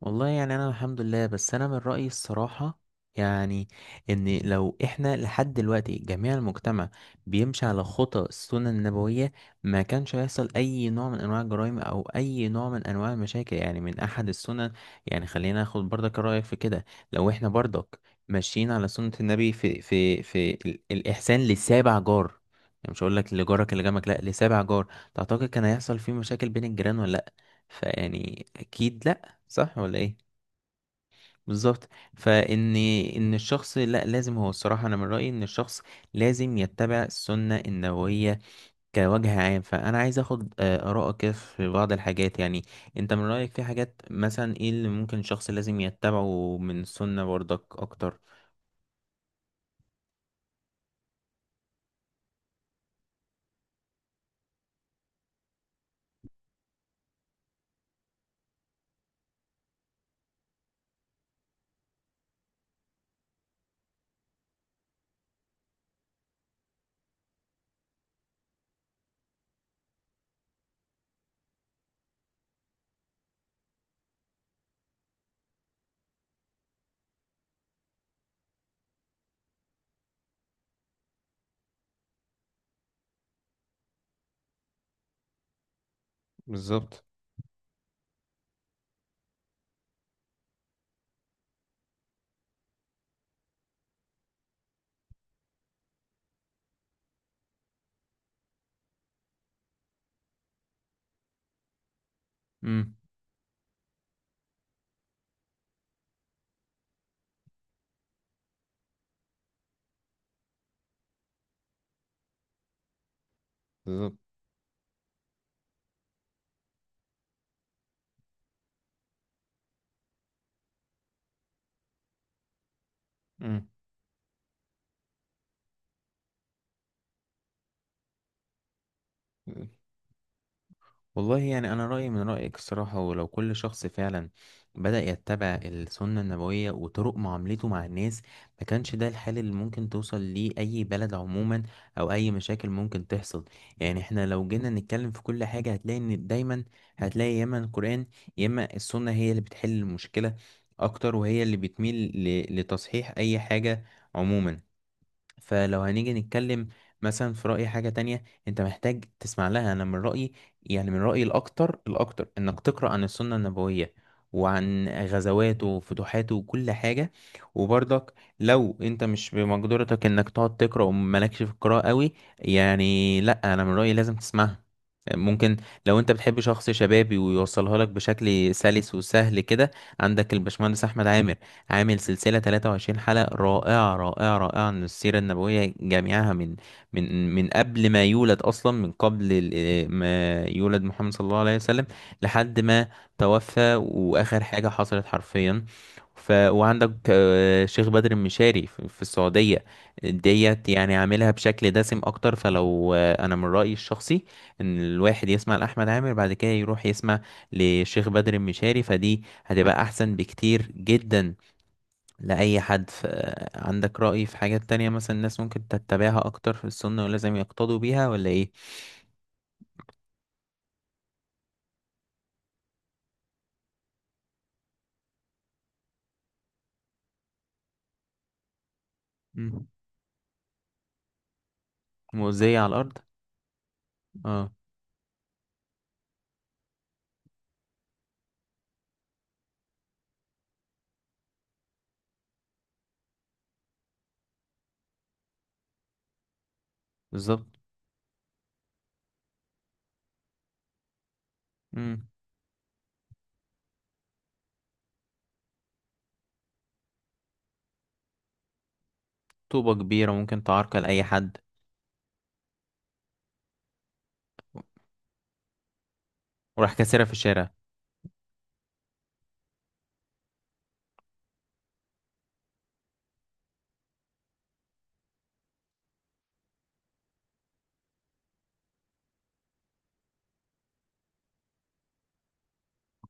والله يعني انا الحمد لله، بس انا من رأيي الصراحة يعني ان لو احنا لحد دلوقتي جميع المجتمع بيمشي على خطى السنة النبوية، ما كانش هيحصل اي نوع من انواع الجرائم او اي نوع من انواع المشاكل، يعني من احد السنن. يعني خلينا ناخد برضك رأيك في كده. لو احنا برضك ماشيين على سنة النبي في الاحسان لسابع جار، يعني مش هقول لك لجارك اللي جنبك، لا، لسابع جار. تعتقد كان هيحصل فيه مشاكل بين الجيران ولا لا؟ فيعني اكيد لا. صح ولا ايه؟ بالظبط. فان ان الشخص لا لازم، هو الصراحه انا من رايي ان الشخص لازم يتبع السنه النبويه كوجه عام. فانا عايز اخد ارائك كده في بعض الحاجات، يعني انت من رايك في حاجات مثلا ايه اللي ممكن الشخص لازم يتبعه من السنه برضك اكتر؟ بالظبط. امم. بالظبط. امم. والله يعني أنا رأيي من رأيك الصراحة، ولو كل شخص فعلا بدأ يتبع السنة النبوية وطرق معاملته مع الناس، ما كانش ده الحال اللي ممكن توصل ليه أي بلد عموما، أو أي مشاكل ممكن تحصل. يعني احنا لو جينا نتكلم في كل حاجة، هتلاقي إن دايما هتلاقي يا إما القرآن يا إما السنة هي اللي بتحل المشكلة أكتر، وهي اللي بتميل لتصحيح أي حاجة عموما. فلو هنيجي نتكلم مثلا في رأي حاجة تانية انت محتاج تسمع لها، انا من رأيي، يعني من رأيي الاكتر انك تقرأ عن السنة النبوية وعن غزواته وفتوحاته وكل حاجة. وبرضك لو انت مش بمقدرتك انك تقعد تقرأ ومالكش في القراءة قوي، يعني لا، انا من رأيي لازم تسمعها. ممكن لو انت بتحب شخص شبابي ويوصلها لك بشكل سلس وسهل كده، عندك البشمهندس احمد عامر، عامل سلسلة 23 حلقة رائعة عن السيرة النبوية جميعها، من قبل ما يولد أصلا، من قبل ال- آه، ما يولد محمد صلى الله عليه وسلم لحد ما توفى وآخر حاجة حصلت حرفيا. وعندك شيخ بدر المشاري في السعودية، ديت يعني عاملها بشكل دسم أكتر. فلو أنا من رأيي الشخصي إن الواحد يسمع لأحمد عامر بعد كده يروح يسمع لشيخ بدر المشاري، فدي هتبقى أحسن بكتير جدا لأي حد. عندك رأي في حاجات تانية مثلا الناس ممكن تتبعها أكتر في السنة ولازم يقتضوا بيها ولا إيه؟ مم. مؤذية على الأرض؟ اه. بالظبط. مم. طوبة كبيرة ممكن تعرقل أي حد. وراح كاسرها في الشارع.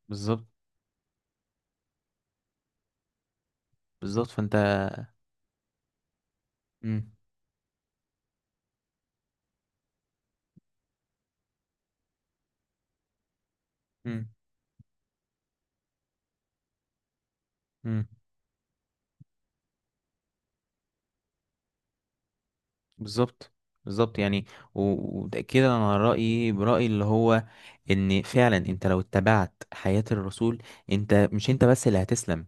بالظبط. بالظبط فأنت. مم. مم. مم. بالظبط. بالظبط يعني. وتأكيدا على رأيي برأيي اللي هو إن فعلا أنت لو اتبعت حياة الرسول، أنت مش أنت بس اللي هتسلم،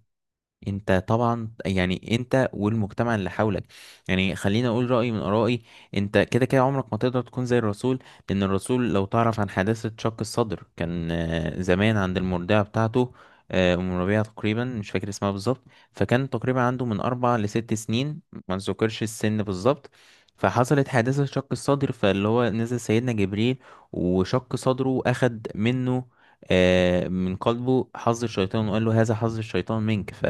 انت طبعا يعني انت والمجتمع اللي حولك. يعني خليني اقول رأيي من آرائي، انت كده كده عمرك ما تقدر تكون زي الرسول. لان الرسول لو تعرف عن حادثة شق الصدر، كان زمان عند المرضعة بتاعته، ام ربيعة تقريبا، مش فاكر اسمها بالظبط. فكان تقريبا عنده من اربع لست سنين، ما نذكرش السن بالظبط. فحصلت حادثة شق الصدر، فاللي هو نزل سيدنا جبريل وشق صدره، أخد منه من قلبه حظ الشيطان وقال له هذا حظ الشيطان منك. ف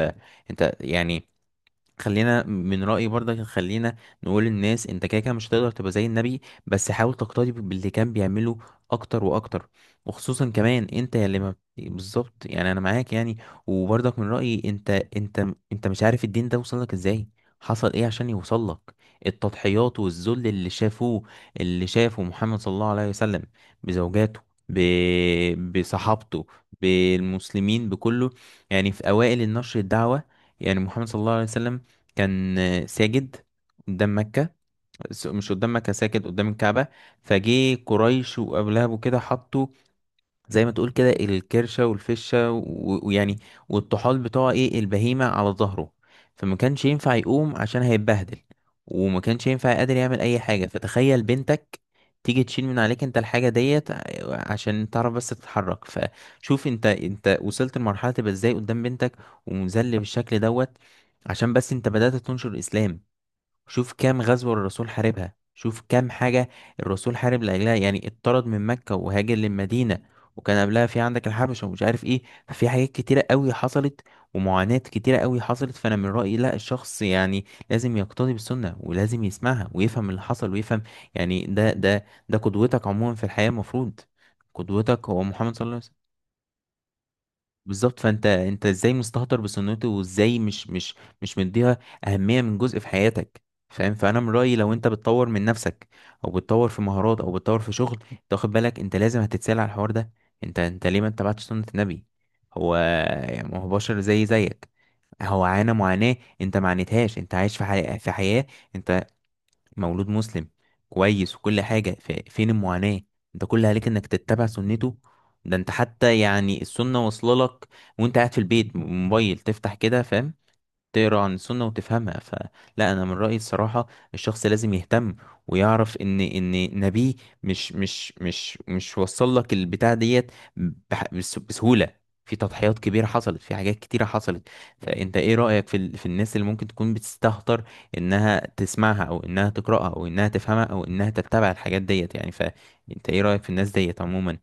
انت يعني خلينا من رأيي برضك، خلينا نقول للناس انت كده كده مش هتقدر تبقى زي النبي، بس حاول تقتدي باللي كان بيعمله اكتر واكتر. وخصوصا كمان انت اللي ما بت- بالظبط يعني انا معاك يعني. وبرضك من رأيي انت انت مش عارف الدين ده وصل لك ازاي، حصل ايه عشان يوصل لك. التضحيات والذل اللي شافوه، اللي شافه محمد صلى الله عليه وسلم، بزوجاته، ب... بصحابته، بالمسلمين، بكله. يعني في اوائل النشر الدعوة، يعني محمد صلى الله عليه وسلم كان ساجد قدام مكة، س- مش قدام مكة ساجد قدام الكعبة. فجه قريش وأبو لهب وكده، حطوا زي ما تقول كده الكرشة والفشة و- ويعني والطحال بتوع ايه البهيمة على ظهره. فما كانش ينفع يقوم عشان هيتبهدل، وما كانش ينفع قادر يعمل اي حاجة. فتخيل بنتك تيجي تشيل من عليك انت الحاجة ديت عشان تعرف بس تتحرك. فشوف انت وصلت لمرحلة تبقى ازاي قدام بنتك، ومذل بالشكل دوت، عشان بس انت بدأت تنشر الاسلام. شوف كام غزوة الرسول حاربها، شوف كام حاجة الرسول حارب لأجلها. يعني اتطرد من مكة وهاجر للمدينة، وكان قبلها في عندك الحبشة ومش عارف ايه. ففي حاجات كتيرة قوي حصلت، ومعاناة كتيرة قوي حصلت. فأنا من رأيي لا، الشخص يعني لازم يقتدي بالسنة ولازم يسمعها ويفهم اللي حصل ويفهم. يعني ده قدوتك عموما في الحياة، المفروض قدوتك هو محمد صلى الله عليه وسلم. بالظبط فانت ازاي مستهتر بسنته، وازاي مش مديها اهميه من جزء في حياتك؟ فاهم. فانا من رايي لو انت بتطور من نفسك، او بتطور في مهارات، او بتطور في شغل، انت واخد بالك انت لازم هتتسال على الحوار ده. انت ليه ما اتبعتش سنه النبي؟ هو يعني ما هو بشر زيك، هو عانى معاناه انت ما عانيتهاش. انت عايش في حياه، انت مولود مسلم كويس وكل حاجة، فين المعاناة؟ انت كل عليك انك تتبع سنته. ده انت حتى يعني السنة واصلة لك وانت قاعد في البيت، موبايل تفتح كده، فاهم، تقرا عن السنة وتفهمها. فلا، انا من رأيي الصراحة الشخص لازم يهتم ويعرف ان نبيه مش وصل لك البتاع ديت بسهولة. في تضحيات كبيرة حصلت، في حاجات كتيرة حصلت. فانت ايه رأيك في الناس اللي ممكن تكون بتستهتر انها تسمعها، او انها تقرأها، او انها تفهمها، او انها تتبع الحاجات ديت؟ يعني فانت ايه رأيك في الناس ديت عموما؟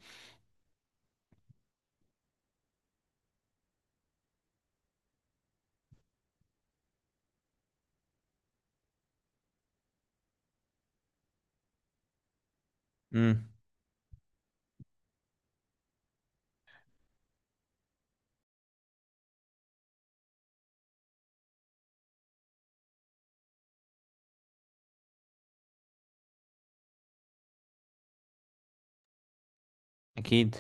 امم. اكيد.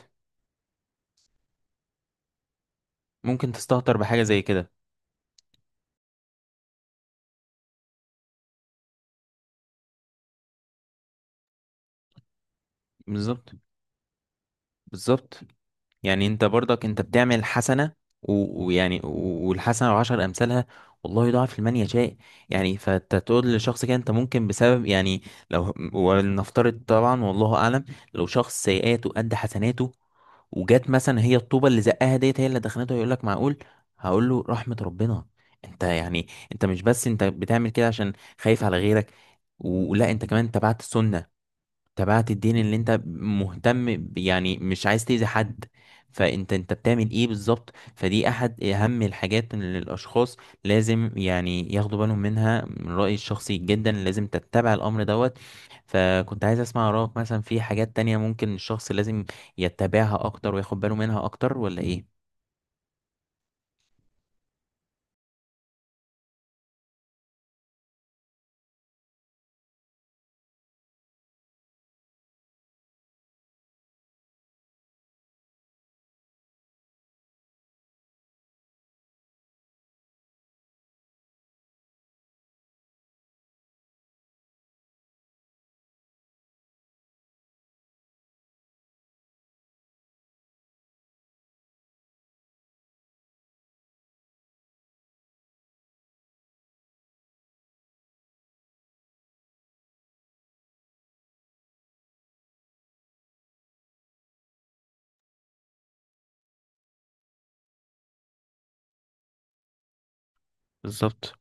ممكن تستهتر بحاجة زي كده. بالظبط. بالظبط يعني. انت برضك انت بتعمل حسنة، والحسنة وعشر امثالها، والله يضاعف لمن يشاء. يعني فانت تقول لشخص كده انت ممكن بسبب يعني، لو ولنفترض طبعا والله اعلم، لو شخص سيئاته قد حسناته، وجات مثلا هي الطوبة اللي زقها ديت هي اللي دخلته، يقول لك معقول؟ هقول له رحمة ربنا. انت يعني انت مش بس انت بتعمل كده عشان خايف على غيرك، ولا انت كمان تبعت السنة، تبعت الدين اللي انت مهتم يعني مش عايز تأذي حد. فانت بتعمل ايه بالظبط؟ فدي احد اهم الحاجات اللي الاشخاص لازم يعني ياخدوا بالهم منها. من رأيي الشخصي جدا لازم تتبع الامر دوت. فكنت عايز اسمع رأيك مثلا في حاجات تانية ممكن الشخص لازم يتبعها اكتر وياخد باله منها اكتر، ولا ايه؟ بالظبط.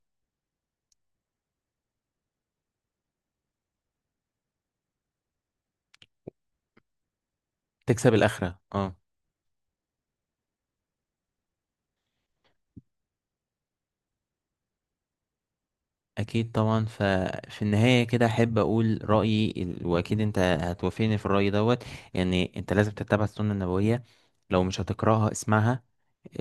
تكسب الاخرة، اه. اكيد طبعا. ففي النهايه كده احب اقول رايي واكيد انت هتوافقني في الراي دوت. يعني انت لازم تتبع السنه النبويه، لو مش هتقراها اسمعها،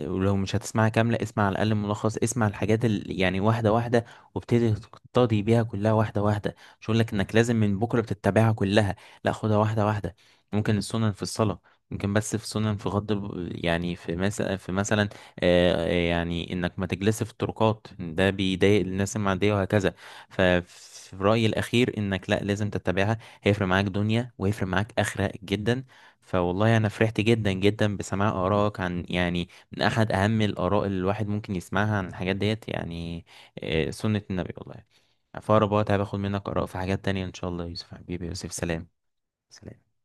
ولو مش هتسمعها كاملة اسمع على الأقل ملخص. اسمع الحاجات يعني واحدة واحدة، وابتدي تقتدي بيها كلها واحدة واحدة. مش هقولك إنك لازم من بكرة بتتبعها كلها، لا، خدها واحدة واحدة. ممكن السنن في الصلاة، ممكن بس في سنن في يعني في مثلا يعني انك ما تجلس في الطرقات، ده بيضايق الناس المعدية، وهكذا. ففي رأيي الأخير انك لا لازم تتبعها، هيفرق معاك دنيا وهيفرق معاك آخرة جدا. فوالله انا فرحت جدا بسماع آرائك عن يعني من أحد أهم الآراء اللي الواحد ممكن يسمعها عن الحاجات ديت، يعني سنة النبي والله. فأقرب وقت هباخد منك آراء في حاجات تانية إن شاء الله. يا يوسف حبيبي، يا يوسف، سلام. سلام.